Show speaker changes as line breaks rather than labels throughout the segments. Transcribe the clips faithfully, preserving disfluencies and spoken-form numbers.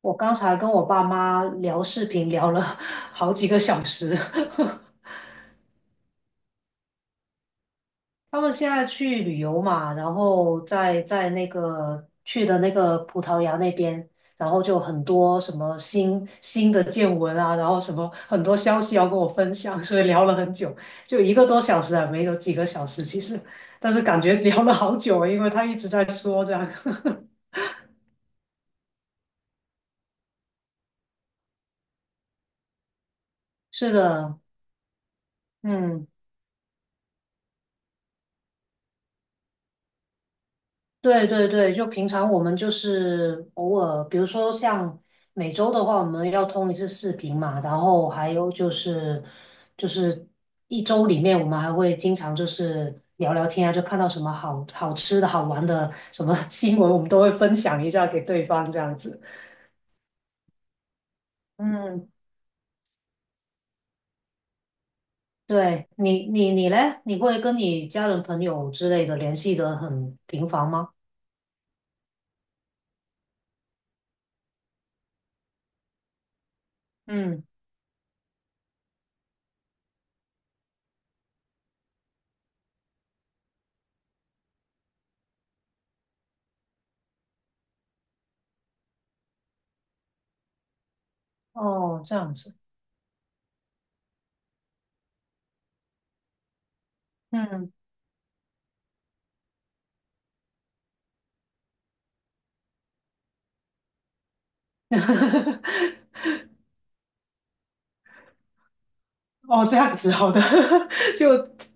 我刚才跟我爸妈聊视频，聊了 好几个小时。他们现在去旅游嘛，然后在在那个去的那个葡萄牙那边，然后就很多什么新新的见闻啊，然后什么很多消息要跟我分享，所以聊了很久，就一个多小时啊，没有几个小时其实，但是感觉聊了好久，因为他一直在说这样。是的。嗯。对对对，就平常我们就是偶尔，比如说像每周的话，我们要通一次视频嘛，然后还有就是就是一周里面，我们还会经常就是聊聊天啊，就看到什么好好吃的好玩的什么 新闻，我们都会分享一下给对方这样子。嗯。对你你你嘞，你会跟你家人朋友之类的联系的很频繁吗？嗯。哦，这样子。嗯。哦，这样子好的。就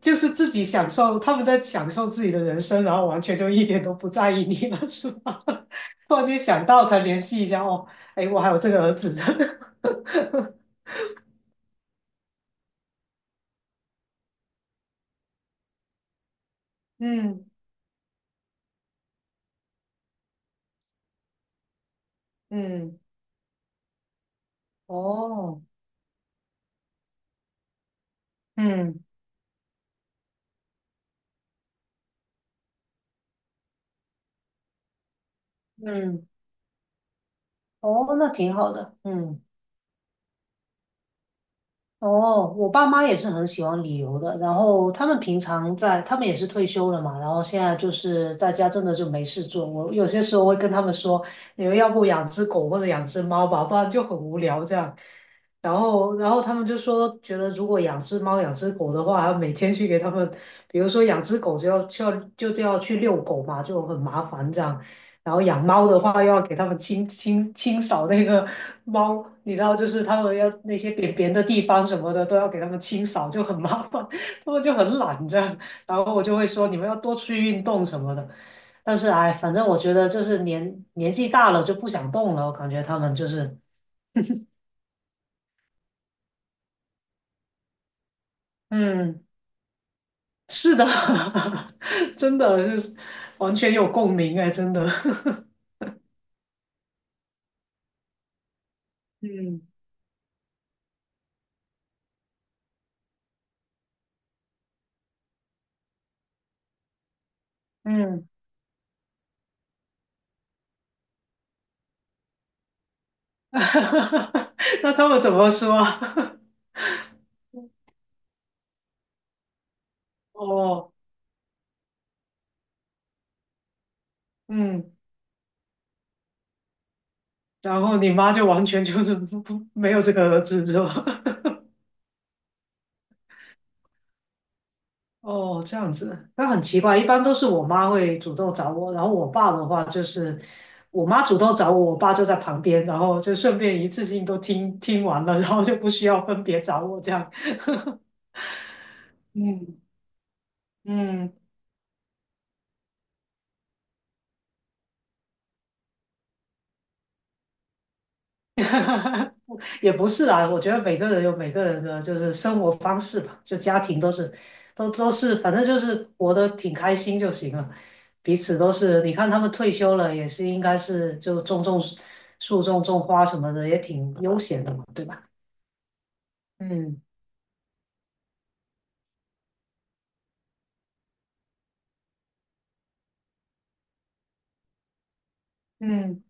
就是自己享受，他们在享受自己的人生，然后完全就一点都不在意你了，是吧？突然间想到才联系一下，哦，哎，我还有这个儿子。嗯嗯。哦。嗯嗯。嗯。哦，那挺好的。嗯。哦，我爸妈也是很喜欢旅游的，然后他们平常在，他们也是退休了嘛，然后现在就是在家真的就没事做。我有些时候会跟他们说，你们要不养只狗或者养只猫吧，不然就很无聊这样。然后，然后他们就说，觉得如果养只猫、养只狗的话，每天去给他们，比如说养只狗就要就要就就要去遛狗嘛，就很麻烦这样。然后养猫的话，又要给它们清清清扫那个猫，你知道，就是它们要那些便便的地方什么的，都要给它们清扫，就很麻烦，它们就很懒这样。然后我就会说，你们要多出去运动什么的。但是哎，反正我觉得就是年年纪大了就不想动了，我感觉他们就是，嗯。是的。真的就是完全有共鸣哎，真的。嗯嗯。那他们怎么说啊？ 哦。嗯。然后你妈就完全就是不不没有这个儿子是吧？哦，这样子，那很奇怪，一般都是我妈会主动找我，然后我爸的话就是我妈主动找我，我爸就在旁边，然后就顺便一次性都听听完了，然后就不需要分别找我这样。嗯嗯。哈哈，也不是啦，我觉得每个人有每个人的就是生活方式吧，就家庭都是，都都是，反正就是活得挺开心就行了，彼此都是。你看他们退休了，也是应该是就种种树、种种花什么的，也挺悠闲的嘛，对吧？嗯。嗯。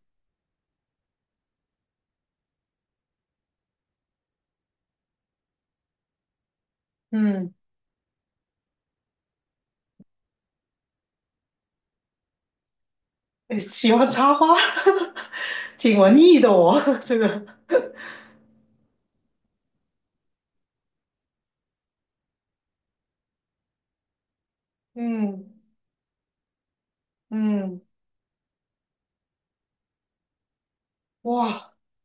嗯。诶喜欢插花，挺文艺的我 这个。嗯嗯。哇，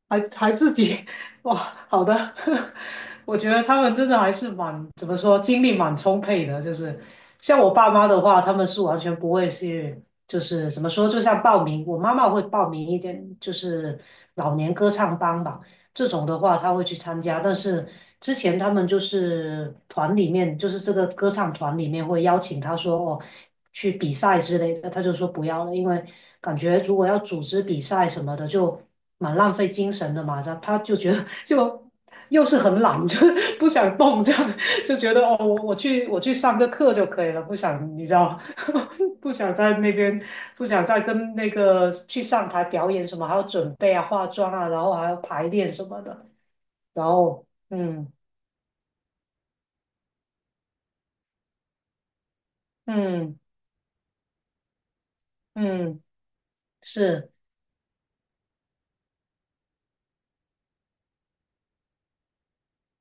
还还自己，哇，好的。我觉得他们真的还是蛮，怎么说，精力蛮充沛的。就是像我爸妈的话，他们是完全不会去，就是怎么说，就像报名，我妈妈会报名一点，就是老年歌唱班吧。这种的话他会去参加。但是之前他们就是团里面，就是这个歌唱团里面会邀请他说哦去比赛之类的，他就说不要了，因为感觉如果要组织比赛什么的，就蛮浪费精神的嘛。他他就觉得 就又是很懒，就不想动这样。就觉得哦，我我去我去上个课就可以了，不想你知道，不想在那边，不想再跟那个去上台表演什么，还要准备啊、化妆啊，然后还要排练什么的，然后嗯。嗯。嗯。是。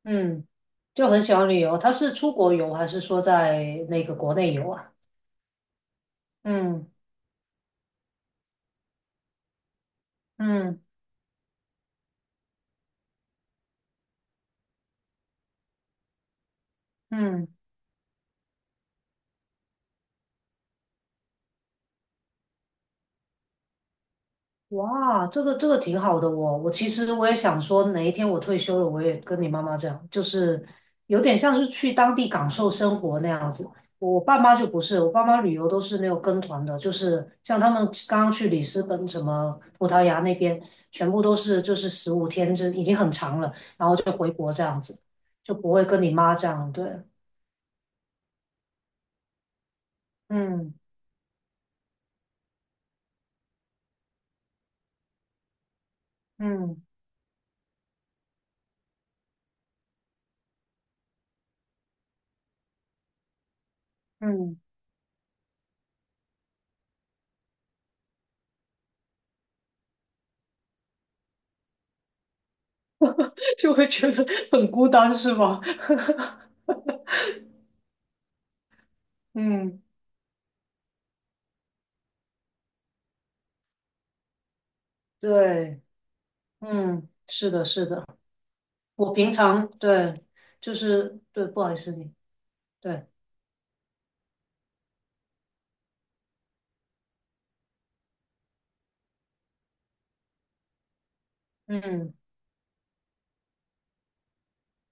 嗯。就很喜欢旅游。他是出国游还是说在那个国内游啊？嗯。嗯。嗯。哇，这个这个挺好的哦。我其实我也想说，哪一天我退休了，我也跟你妈妈这样，就是有点像是去当地感受生活那样子。我爸妈就不是，我爸妈旅游都是那种跟团的，就是像他们刚刚去里斯本、什么葡萄牙那边，全部都是就是十五天，这已经很长了，然后就回国这样子，就不会跟你妈这样。对。嗯。嗯。嗯。就会觉得很孤单，是吗？嗯，对。嗯，是的，是的。我平常对，就是对，不好意思你，对。嗯，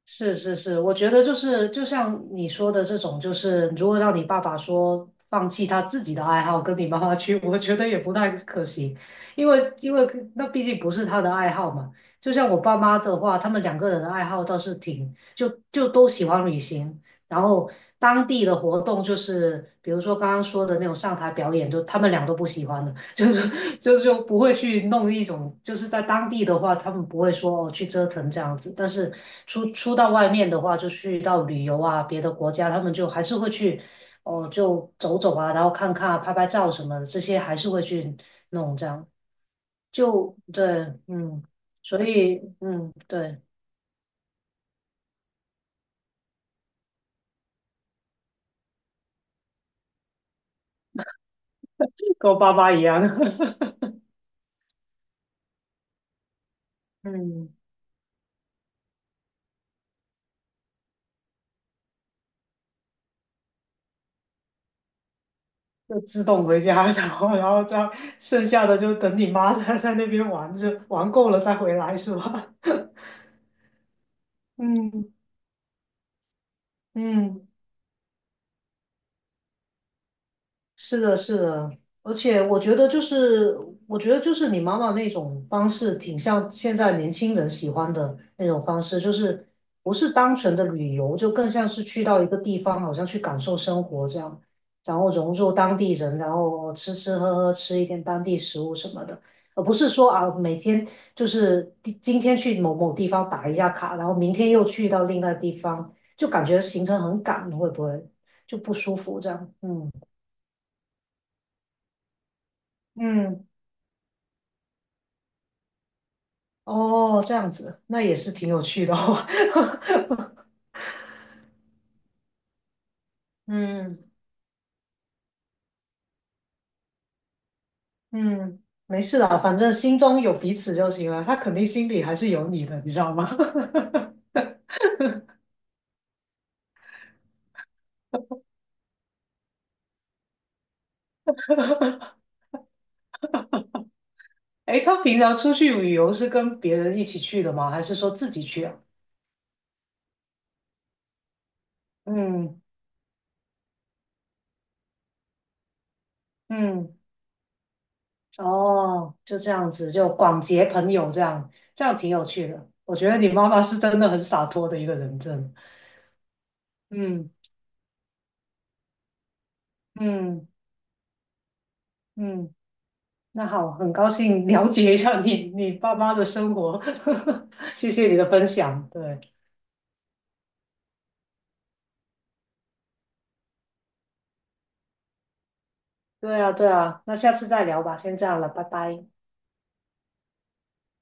是是是，我觉得就是就像你说的这种，就是如果让你爸爸说放弃他自己的爱好跟你妈妈去，我觉得也不太可行，因为因为那毕竟不是他的爱好嘛。就像我爸妈的话，他们两个人的爱好倒是挺，就就都喜欢旅行，然后当地的活动就是，比如说刚刚说的那种上台表演，就他们俩都不喜欢的。就是就是就不会去弄一种，就是在当地的话，他们不会说哦去折腾这样子，但是出出到外面的话，就去到旅游啊，别的国家，他们就还是会去哦就走走啊，然后看看啊拍拍照什么的，这些还是会去弄这样。就对。嗯。所以嗯。对，跟我爸妈一样。嗯，就自动回家，然后然后这样剩下的就等你妈在 在那边玩，就玩够了再回来是吧？嗯嗯，是的，是的。而且我觉得就是，我觉得就是你妈妈那种方式，挺像现在年轻人喜欢的那种方式，就是不是单纯的旅游，就更像是去到一个地方，好像去感受生活这样，然后融入当地人，然后吃吃喝喝，吃一点当地食物什么的，而不是说啊每天就是今今天去某某地方打一下卡，然后明天又去到另外地方，就感觉行程很赶，会不会就不舒服这样？嗯。嗯。哦，这样子，那也是挺有趣的哦。嗯嗯，没事啦，反正心中有彼此就行了。他肯定心里还是有你的，你知道吗？诶，他平常出去旅游是跟别人一起去的吗？还是说自己去啊？嗯。嗯。哦，就这样子，就广结朋友，这样这样挺有趣的。我觉得你妈妈是真的很洒脱的一个人，真的。嗯。嗯。嗯。那好，很高兴了解一下你 你爸妈的生活，谢谢你的分享。对，对啊，对啊，那下次再聊吧，先这样了，拜拜。